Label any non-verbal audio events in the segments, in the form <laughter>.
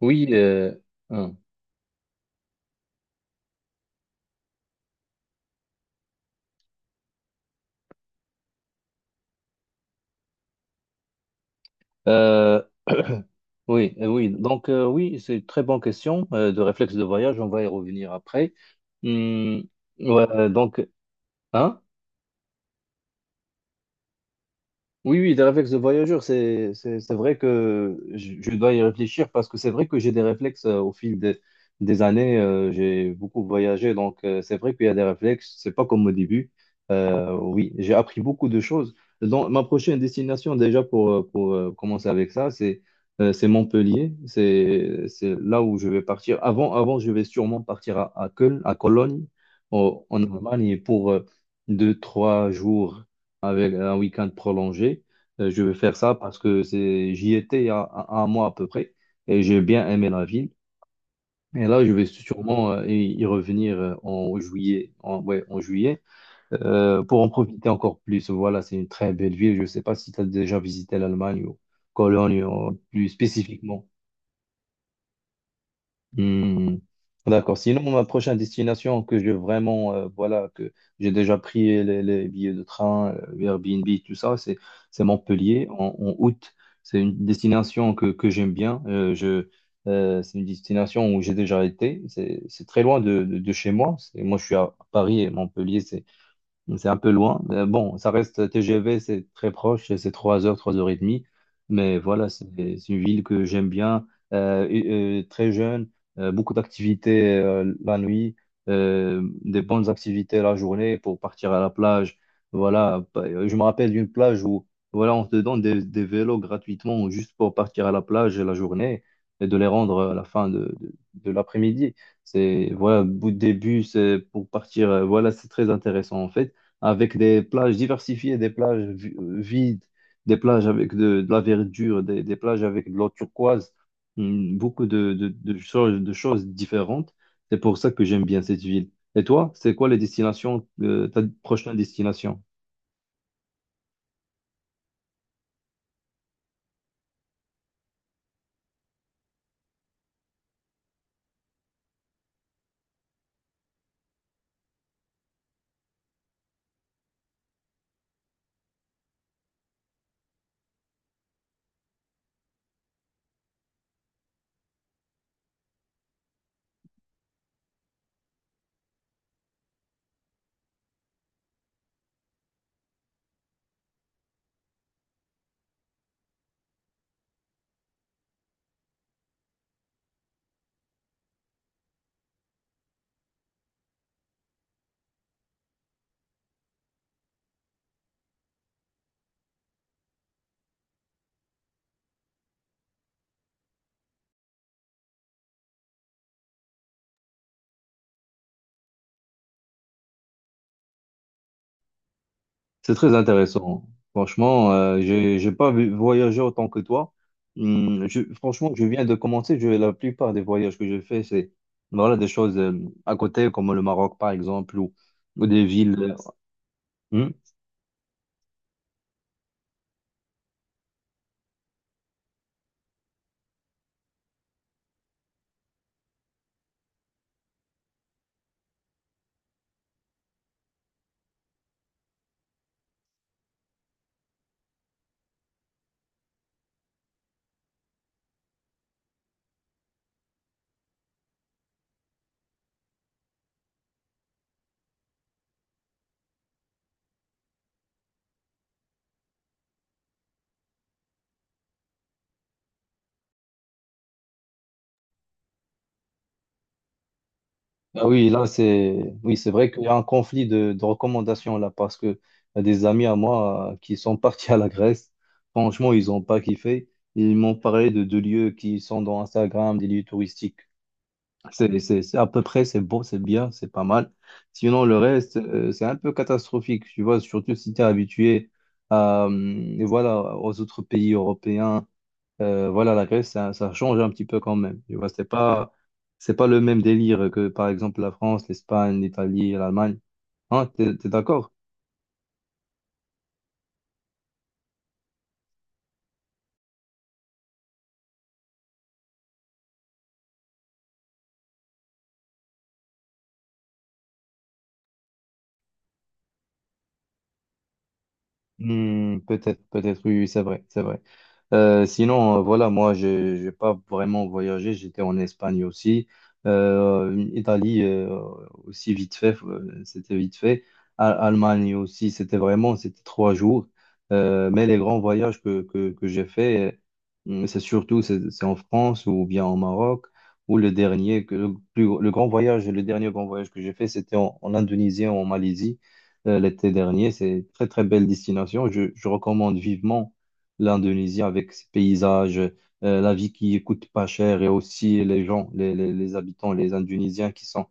Oui, hein. Euh, oui, oui. Donc oui, c'est une très bonne question de réflexe de voyage. On va y revenir après. Hum, ouais, donc, hein? Oui, oui, des réflexes de voyageur, c'est vrai que je dois y réfléchir parce que c'est vrai que j'ai des réflexes au fil des années. J'ai beaucoup voyagé, donc c'est vrai qu'il y a des réflexes. C'est pas comme au début. Oui, j'ai appris beaucoup de choses. Donc, ma prochaine destination, déjà pour, commencer avec ça, c'est Montpellier. C'est là où je vais partir. Avant, je vais sûrement partir à Köln, à Cologne, en Allemagne, pour deux, trois jours avec un week-end prolongé. Je vais faire ça parce que c'est, j'y étais il y a un mois à peu près et j'ai bien aimé la ville. Et là, je vais sûrement y revenir en juillet, ouais, en juillet pour en profiter encore plus. Voilà, c'est une très belle ville. Je ne sais pas si tu as déjà visité l'Allemagne ou Cologne plus spécifiquement. Hmm. D'accord. Sinon, ma prochaine destination que je vraiment, voilà, que j'ai déjà pris les billets de train, Airbnb, tout ça, c'est Montpellier en août. C'est une destination que j'aime bien. C'est une destination où j'ai déjà été. C'est très loin de chez moi. Moi, je suis à Paris et Montpellier, c'est un peu loin. Mais bon, ça reste TGV, c'est très proche, c'est 3 heures et demie. Mais voilà, c'est une ville que j'aime bien, très jeune, beaucoup d'activités la nuit, des bonnes activités la journée pour partir à la plage. Voilà, je me rappelle d'une plage où voilà, on te donne des vélos gratuitement juste pour partir à la plage la journée et de les rendre à la fin de l'après-midi. C'est voilà, bout de début, c'est pour partir. Voilà, c'est très intéressant en fait avec des plages diversifiées, vides, des plages avec de la verdure, des plages avec de l'eau turquoise, beaucoup de choses différentes. C'est pour ça que j'aime bien cette ville. Et toi, c'est quoi les destinations, ta prochaine destination? C'est très intéressant. Franchement, j'ai pas voyagé autant que toi. Franchement, je viens de commencer. La plupart des voyages que je fais, c'est voilà, des choses à côté, comme le Maroc, par exemple, ou des villes. Hmm, Ah oui, là, c'est oui, c'est vrai qu'il y a un conflit de recommandations là parce que y a des amis à moi qui sont <laughs> partis à la Grèce. Franchement, ils n'ont pas kiffé. Ils m'ont parlé de deux lieux qui sont dans Instagram, des lieux touristiques. C'est à peu près, c'est beau, c'est bien, c'est pas mal. Sinon, le reste, c'est un peu catastrophique, tu vois, surtout si tu es habitué à, voilà, aux autres pays européens. Voilà, la Grèce, ça change un petit peu quand même. Tu vois, c'est pas le même délire que, par exemple, la France, l'Espagne, l'Italie, l'Allemagne. Hein, t'es d'accord? Hmm, peut-être, peut-être, oui, oui, c'est vrai, c'est vrai. Sinon, voilà, moi, je n'ai pas vraiment voyagé. J'étais en Espagne aussi. Italie aussi, vite fait, c'était vite fait. Allemagne aussi, c'était vraiment, c'était trois jours. Mais les grands voyages que j'ai fait, c'est surtout c'est en France ou bien au Maroc, ou le dernier, le grand voyage, le dernier grand voyage que j'ai fait, c'était en Indonésie, en Malaisie l'été dernier. C'est une très, très belle destination. Je recommande vivement l'Indonésie avec ses paysages, la vie qui coûte pas cher et aussi les gens, les habitants, les Indonésiens qui sont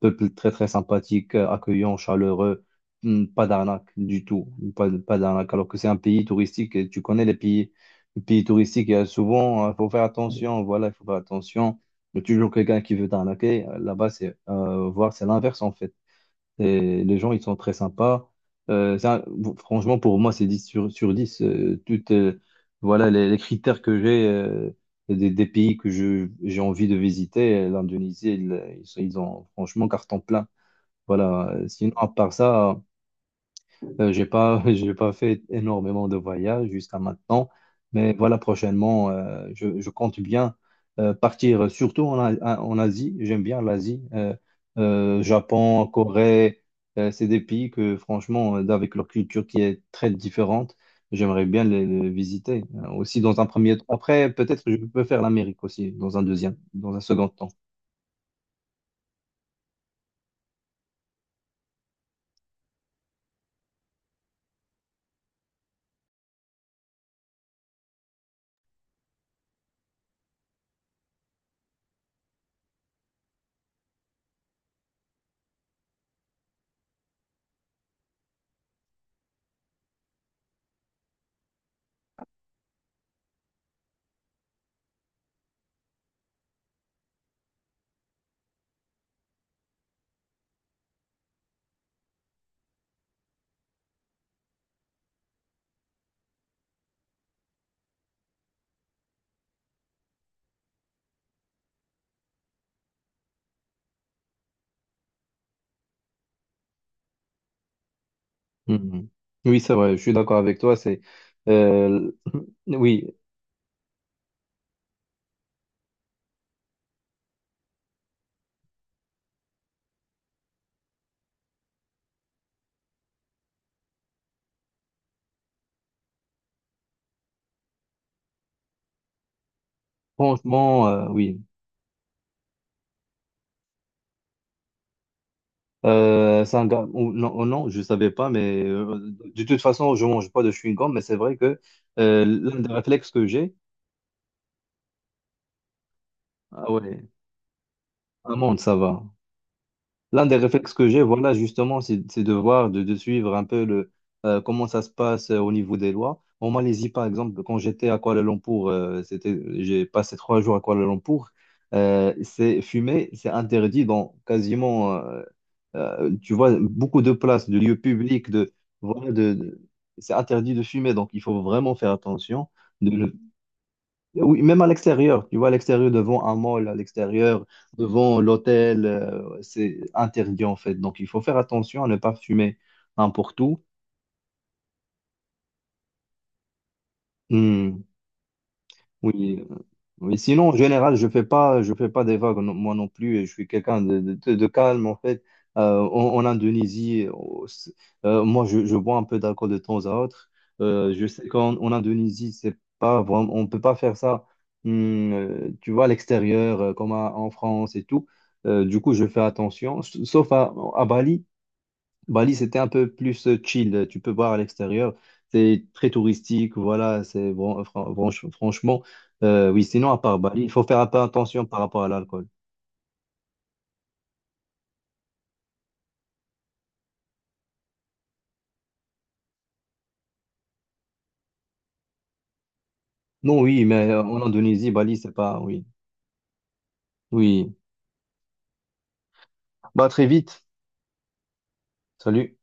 peuple très, très sympathique, accueillant, chaleureux. Hmm, pas d'arnaque du tout, pas d'arnaque. Alors que c'est un pays touristique et tu connais les pays touristiques, il y a souvent, il faut faire attention, voilà, il faut faire attention. Il y a toujours quelqu'un qui veut t'arnaquer. Là-bas, c'est voir, c'est l'inverse en fait. Et les gens, ils sont très sympas. Ça, bon, franchement, pour moi, c'est 10 sur 10. Toutes, voilà, les critères que j'ai des pays que j'ai envie de visiter, l'Indonésie, ils ont franchement carton plein. Voilà. Sinon, à part ça, j'ai pas, <laughs> j'ai pas fait énormément de voyages jusqu'à maintenant, mais voilà, prochainement, je compte bien partir, surtout en, en Asie. J'aime bien l'Asie, Japon, Corée. C'est des pays que, franchement, avec leur culture qui est très différente, j'aimerais bien les visiter aussi dans un premier temps. Après, peut-être que je peux faire l'Amérique aussi dans un deuxième, dans un second temps. Mhm. Oui, c'est vrai, je suis d'accord avec toi. C'est euh, <clears throat> oui, franchement, oui. C'est un gars- ou non, je savais pas, mais de toute façon, je mange pas de chewing-gum, mais c'est vrai que l'un des réflexes que j'ai, ah ouais, amande, ça va. L'un des réflexes que j'ai, voilà, justement, c'est de voir, de suivre un peu le, comment ça se passe au niveau des lois. En Malaisie, par exemple, quand j'étais à Kuala Lumpur, c'était, j'ai passé trois jours à Kuala Lumpur, c'est fumer, c'est interdit dans quasiment, tu vois, beaucoup de places, de lieux publics, de, voilà, c'est interdit de fumer, donc il faut vraiment faire attention. De, oui, même à l'extérieur, tu vois, à l'extérieur, devant un mall, à l'extérieur, devant l'hôtel, c'est interdit en fait. Donc, il faut faire attention à ne pas fumer n'importe où. Hmm. Oui, oui. Sinon, en général, je fais pas des vagues, non- moi non plus. Et je suis quelqu'un de, de calme, en fait. En Indonésie, je bois un peu d'alcool de temps à autre. Je sais qu'en en Indonésie, c'est pas vraiment, on peut pas faire ça, tu vois, à l'extérieur, en France et tout. Du coup, je fais attention, sauf à Bali. Bali, c'était un peu plus chill. Tu peux voir à l'extérieur. C'est très touristique. Voilà, c'est bon. Fran- franch- franchement, oui, sinon, à part Bali, il faut faire un peu attention par rapport à l'alcool. Non, oui, mais en Indonésie, Bali, c'est pas. Oui. Oui. Bah, très vite. Salut.